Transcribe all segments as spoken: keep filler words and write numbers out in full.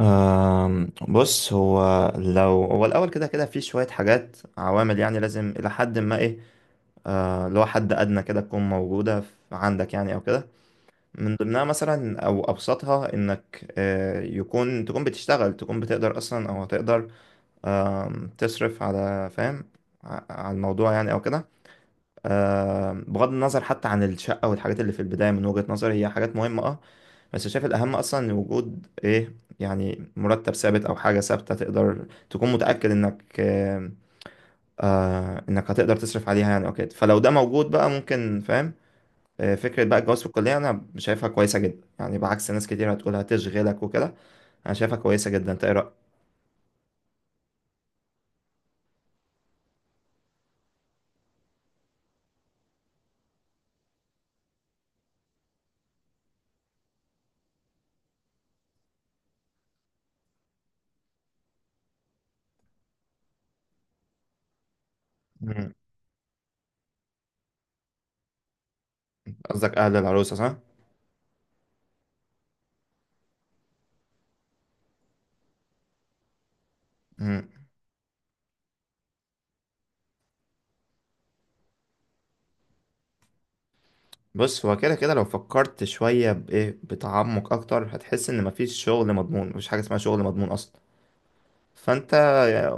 أم، بص هو لو هو الأول كده كده في شوية حاجات عوامل يعني لازم إلى حد ما إيه، آه، اللي هو حد أدنى كده تكون موجودة في- عندك يعني أو كده. من ضمنها مثلا أو أبسطها إنك آه، يكون تكون بتشتغل، تكون بتقدر أصلا أو هتقدر آم، تصرف على، فاهم، ع- على الموضوع يعني أو كده. آم، بغض النظر حتى عن الشقة والحاجات اللي في البداية، من وجهة نظري هي حاجات مهمة أه بس شايف الأهم أصلا إن وجود إيه يعني مرتب ثابت أو حاجة ثابتة تقدر تكون متأكد إنك آه آه، إنك هتقدر تصرف عليها يعني أو كده. فلو ده موجود بقى، ممكن، فاهم، آه، فكرة بقى الجواز في الكلية أنا شايفها كويسة جدا يعني، بعكس ناس كتير هتقول هتشغلك وكده. أنا شايفها كويسة جدا. أنت إيه رأيك؟ مم. قصدك أهل العروسة صح؟ مم. بص هو كده كده لو فكرت شوية بإيه، بتعمق أكتر، هتحس إن مفيش شغل مضمون. مفيش حاجة اسمها شغل مضمون أصلا. فانت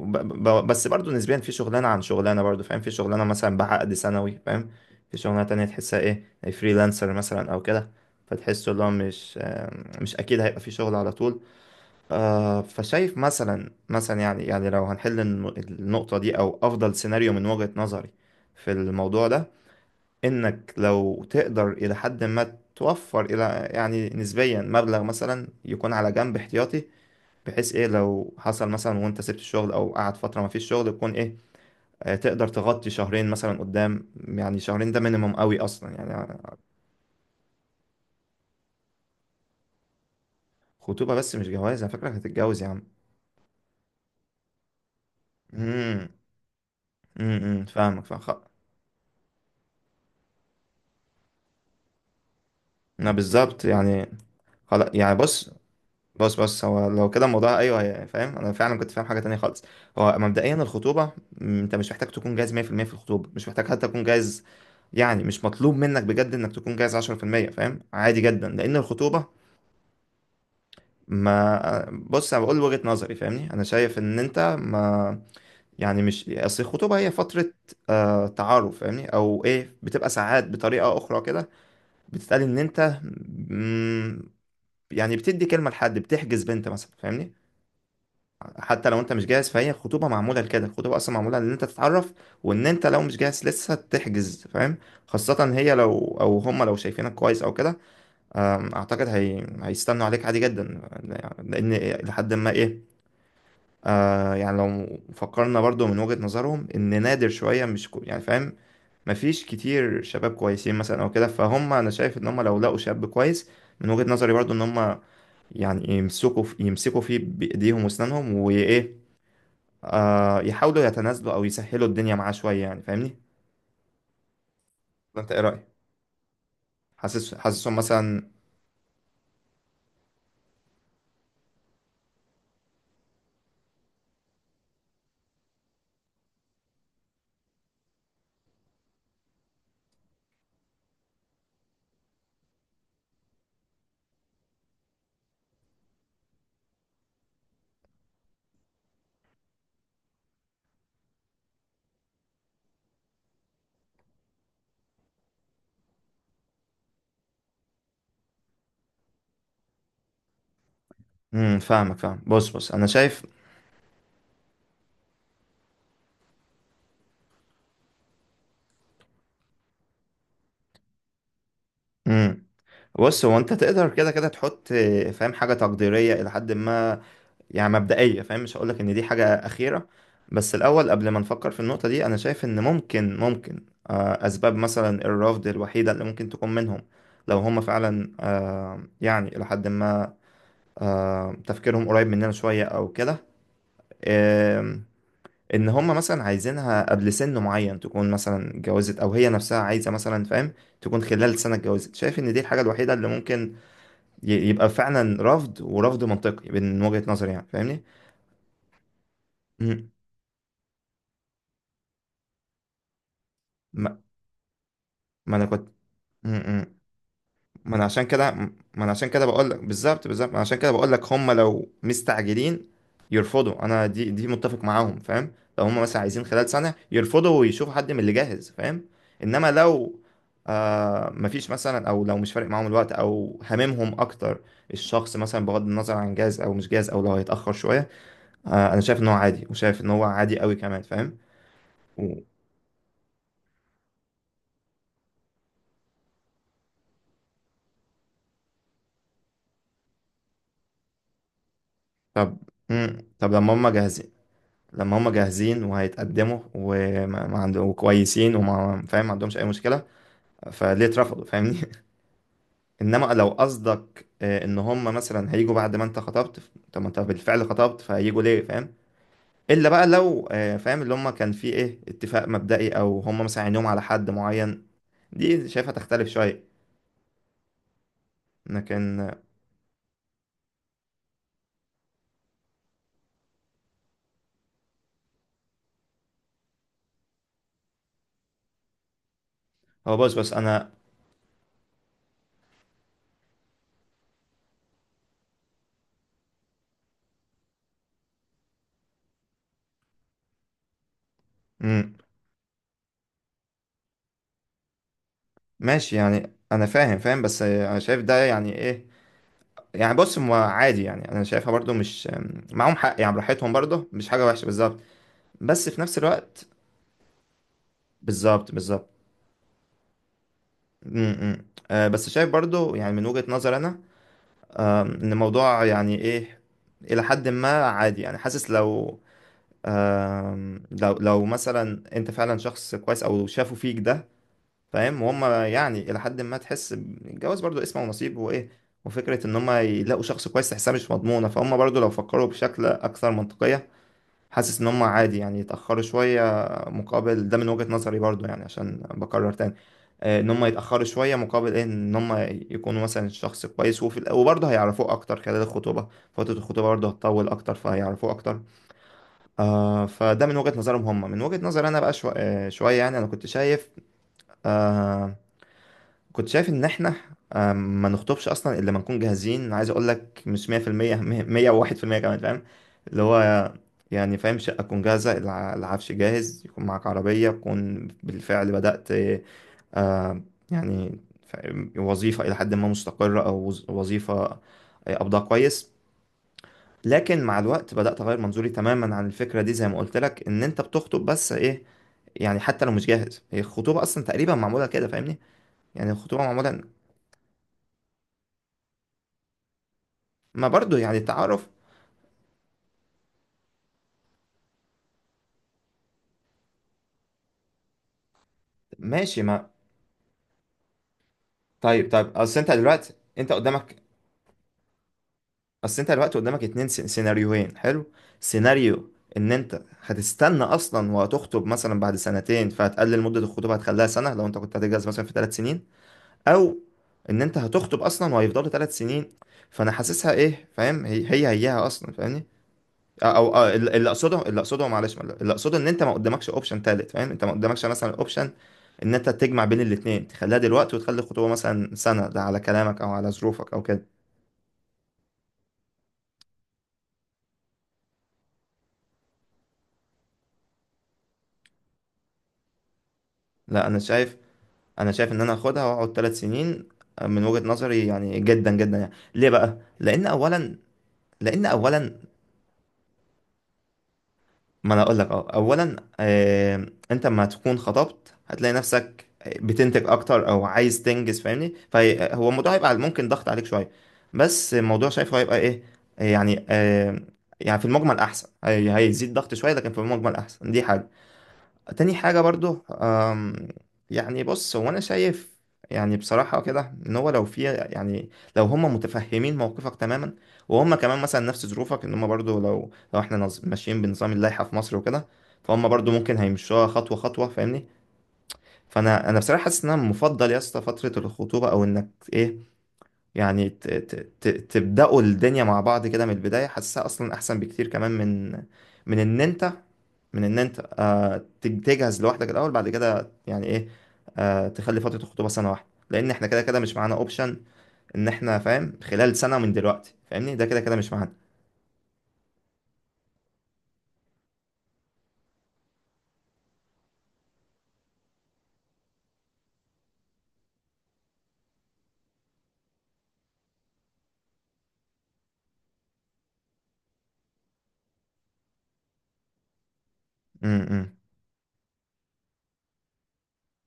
ب- ب- بس برضو نسبيا في شغلانه عن شغلانه، برضو فاهم، في شغلانه مثلا بعقد سنوي فاهم، في شغلانه تانية تحسها ايه، فريلانسر مثلا او كده، فتحسه اللي هو مش آه، مش اكيد هيبقى في شغل على طول. آه، فشايف مثلا مثلا يعني يعني لو هنحل الن- النقطه دي، او افضل سيناريو من وجهه نظري في الموضوع ده، انك لو تقدر الى حد ما توفر، الى يعني نسبيا، مبلغ مثلا يكون على جنب احتياطي، بحيث ايه لو حصل مثلا وانت سبت الشغل او قعد فتره ما فيش شغل، يكون ايه آه، تقدر تغطي شهرين مثلا قدام، يعني شهرين ده مينيمم قوي اصلا يعني. خطوبه بس مش جواز؟ انا فاكرك هتتجوز يا عم. امم امم فاهمك فاهم خ- انا بالظبط يعني، خلاص يعني بص. بص بص هو لو كده الموضوع، ايوه هي- فاهم، انا فعلا كنت فاهم حاجه تانية خالص. هو مبدئيا الخطوبه، م، انت مش محتاج تكون جاهز مية في المية في المية في الخطوبه، مش محتاج حتى تكون جاهز، يعني مش مطلوب منك بجد انك تكون جاهز عشرة في المية، فاهم عادي جدا، لان الخطوبه، ما بص انا بقول وجهة نظري فاهمني، انا شايف ان انت، ما يعني، مش اصل الخطوبة هي فترة آه تعارف فاهمني، او ايه، بتبقى ساعات بطريقة اخرى كده، بتتقال ان انت مم، يعني بتدي كلمة لحد، بتحجز بنت مثلا فاهمني. حتى لو انت مش جاهز، فهي الخطوبة معمولة لكده، الخطوبة اصلا معمولة ان انت تتعرف، وان انت لو مش جاهز لسه تحجز فاهم. خاصة هي لو، او هم لو شايفينك كويس او كده، آم، اعتقد هي هيستنوا عليك عادي جدا، لان لحد ما ايه، آه يعني لو فكرنا برضو من وجهة نظرهم ان نادر شوية مش كو يعني فاهم، مفيش كتير شباب كويسين مثلا او كده، فهم انا شايف ان هم لو لقوا شاب كويس، من وجهة نظري برضو، ان هم يعني يمسكوا في يمسكوا فيه بايديهم واسنانهم، وايه، آه يحاولوا يتنازلوا او يسهلوا الدنيا معاه شوية يعني فاهمني. انت ايه رأيك؟ حاسس حاسسهم مثلا. امم فاهمك فاهم بص. بص انا شايف. امم بص هو انت تقدر كده كده تحط آه، فاهم، حاجة تقديرية الى حد ما، يعني مبدئية فاهم، مش هقولك ان دي حاجة اخيرة. بس الاول قبل ما نفكر في النقطة دي، انا شايف ان ممكن، ممكن آه، اسباب مثلا الرفض الوحيدة اللي ممكن تكون منهم، لو هم فعلا آه، يعني الى حد ما آه، تفكيرهم قريب مننا شوية او كده، آم، ان هم مثلا عايزينها قبل سن معين تكون مثلا اتجوزت، او هي نفسها عايزة مثلا فاهم تكون خلال سنة اتجوزت. شايف ان دي الحاجة الوحيدة اللي ممكن ي- يبقى فعلا رفض، ورفض منطقي من وجهة نظري يعني فاهمني. مم. ما انا كنت م- م. ما انا عشان كده، ما انا عشان كده بقول لك بالظبط، بالظبط، ما انا عشان كده بقول لك هم لو مستعجلين يرفضوا. انا دي، دي متفق معاهم فاهم، لو هم مثلا عايزين خلال سنة يرفضوا ويشوفوا حد من اللي جاهز فاهم. انما لو آه مفيش مثلا، او لو مش فارق معاهم الوقت، او هاممهم اكتر الشخص مثلا بغض النظر عن جاهز او مش جاهز، او لو هيتأخر شوية، آه انا شايف ان هو عادي، وشايف ان هو عادي قوي كمان فاهم. و- طب، م. طب لما هم جاهزين، لما هم جاهزين وهيتقدموا وما ما عند- وكويسين وما فاهم ما عندهمش اي مشكله، فليه اترفضوا فاهمني؟ انما لو قصدك آه، ان هم مثلا هيجوا بعد ما انت خطبت، ف- طب ما انت بالفعل خطبت فهيجوا ليه فاهم. الا بقى لو آه، فاهم، اللي هم كان في ايه اتفاق مبدئي، او هم مثلا عينيهم على حد معين، دي شايفها تختلف شويه. لكن آه، هو بص. بص انا مم، ماشي يعني انا فاهم فاهم بس آه، انا شايف ده يعني ايه، يعني بص، ما عادي يعني، انا شايفها برضو مش معاهم حق، يعني براحتهم برضو مش حاجه وحشه بالظبط. بس في نفس الوقت، بالظبط بالظبط م- م. آه، بس شايف برضو يعني، من وجهه نظر انا، آه، ان الموضوع يعني ايه، الى حد ما عادي يعني، حاسس لو آم، لو لو مثلا انت فعلا شخص كويس او شافوا فيك ده فاهم، وهم يعني الى حد ما، تحس ب- الجواز برضو اسمه ونصيب وايه، وفكره ان هم يلاقوا شخص كويس تحسها مش مضمونه، فهم برضو لو فكروا بشكل اكثر منطقيه، حاسس ان هم عادي يعني يتأخروا شوية مقابل ده. من وجهة نظري برضو، يعني عشان بكرر تاني، آه، ان هم يتأخروا شوية مقابل ايه، ان هم يكونوا مثلا الشخص كويس، وفي ال- وبرضه هيعرفوه اكتر خلال الخطوبة، فترة الخطوبة برضه هتطول اكتر فهيعرفوه اكتر. آه، فده من وجهة نظرهم هم، من وجهة نظري انا بقى شو... آه، شوية، يعني انا كنت شايف، آه كنت شايف ان احنا آم، ما نخطبش اصلا الا لما نكون جاهزين، عايز اقول لك مش مية في المية مية وواحد في المية كمان فاهم. اللي هو يعني فاهم، شقه تكون جاهزه، الع- العفش جاهز، يكون معاك عربيه تكون بالفعل بدات آه، يعني فاهم، وظيفه الى حد ما مستقره، او وظ- وظيفه قبضها كويس. لكن مع الوقت بدات اغير منظوري تماما عن الفكره دي، زي ما قلت لك ان انت بتخطب بس ايه، يعني حتى لو مش جاهز هي الخطوبة أصلا تقريبا معمولة كده فاهمني. يعني الخطوبة معمولة، ما برضو يعني التعارف، ماشي ما. طيب طيب، اصل انت دلوقتي انت قدامك اصل انت دلوقتي قدامك اتنين سين- سيناريوهين، حلو. سيناريو ان انت هتستنى اصلا وهتخطب مثلا بعد سنتين فهتقلل مدة الخطوبة، هتخليها سنة لو انت كنت هتتجوز مثلا في ثلاث سنين، او ان انت هتخطب اصلا وهيفضلوا ثلاث سنين. فانا حاسسها ايه فاهم، هي هي هيها اصلا فاهمني، او آه، اللي اللي اقصده اللي اقصده معلش اللي اقصده ان انت ما قدامكش اوبشن تالت فاهم، انت ما قدامكش مثلا اوبشن ان انت تجمع بين الاتنين، تخليها دلوقتي وتخلي الخطوبه مثلا سنه، ده على كلامك او على ظروفك او كده. لا انا شايف، انا شايف ان انا هاخدها واقعد ثلاث سنين من وجهه نظري، يعني جدا جدا، يعني ليه بقى؟ لان اولا، لان اولا ما انا اقول لك، اه اولا آه، انت لما تكون خطبت هتلاقي نفسك بتنتج اكتر، او عايز تنجز فاهمني، فهو الموضوع هيبقى ممكن ضغط عليك شويه، بس الموضوع شايفه هيبقى ايه، يعني آه، يعني في المجمل احسن، هي- هيزيد ضغط شويه لكن في المجمل احسن، دي حاجه. تاني حاجة برضو، أم، يعني بص هو أنا شايف، يعني بصراحة كده، إن هو لو في يعني، لو هم متفهمين موقفك تماما، وهم كمان مثلا نفس ظروفك، إن هم برضو لو لو إحنا نظ- ماشيين بنظام اللائحة في مصر وكده، فهم برضو ممكن هيمشوها خطوة خطوة فاهمني. فأنا أنا بصراحة حاسس إن أنا مفضل يا اسطى فترة الخطوبة، أو إنك إيه، يعني ت- ت- ت- تبدأوا الدنيا مع بعض كده من البداية، حاسسها أصلا أحسن بكتير كمان، من من إن أنت من إن أنت آه تج- تجهز لوحدك الأول، بعد كده يعني إيه، آه تخلي فترة الخطوبة سنة واحدة، لأن إحنا كده كده مش معانا أوبشن إن إحنا فاهم خلال سنة من دلوقتي فاهمني، ده كده كده مش معانا. م- م.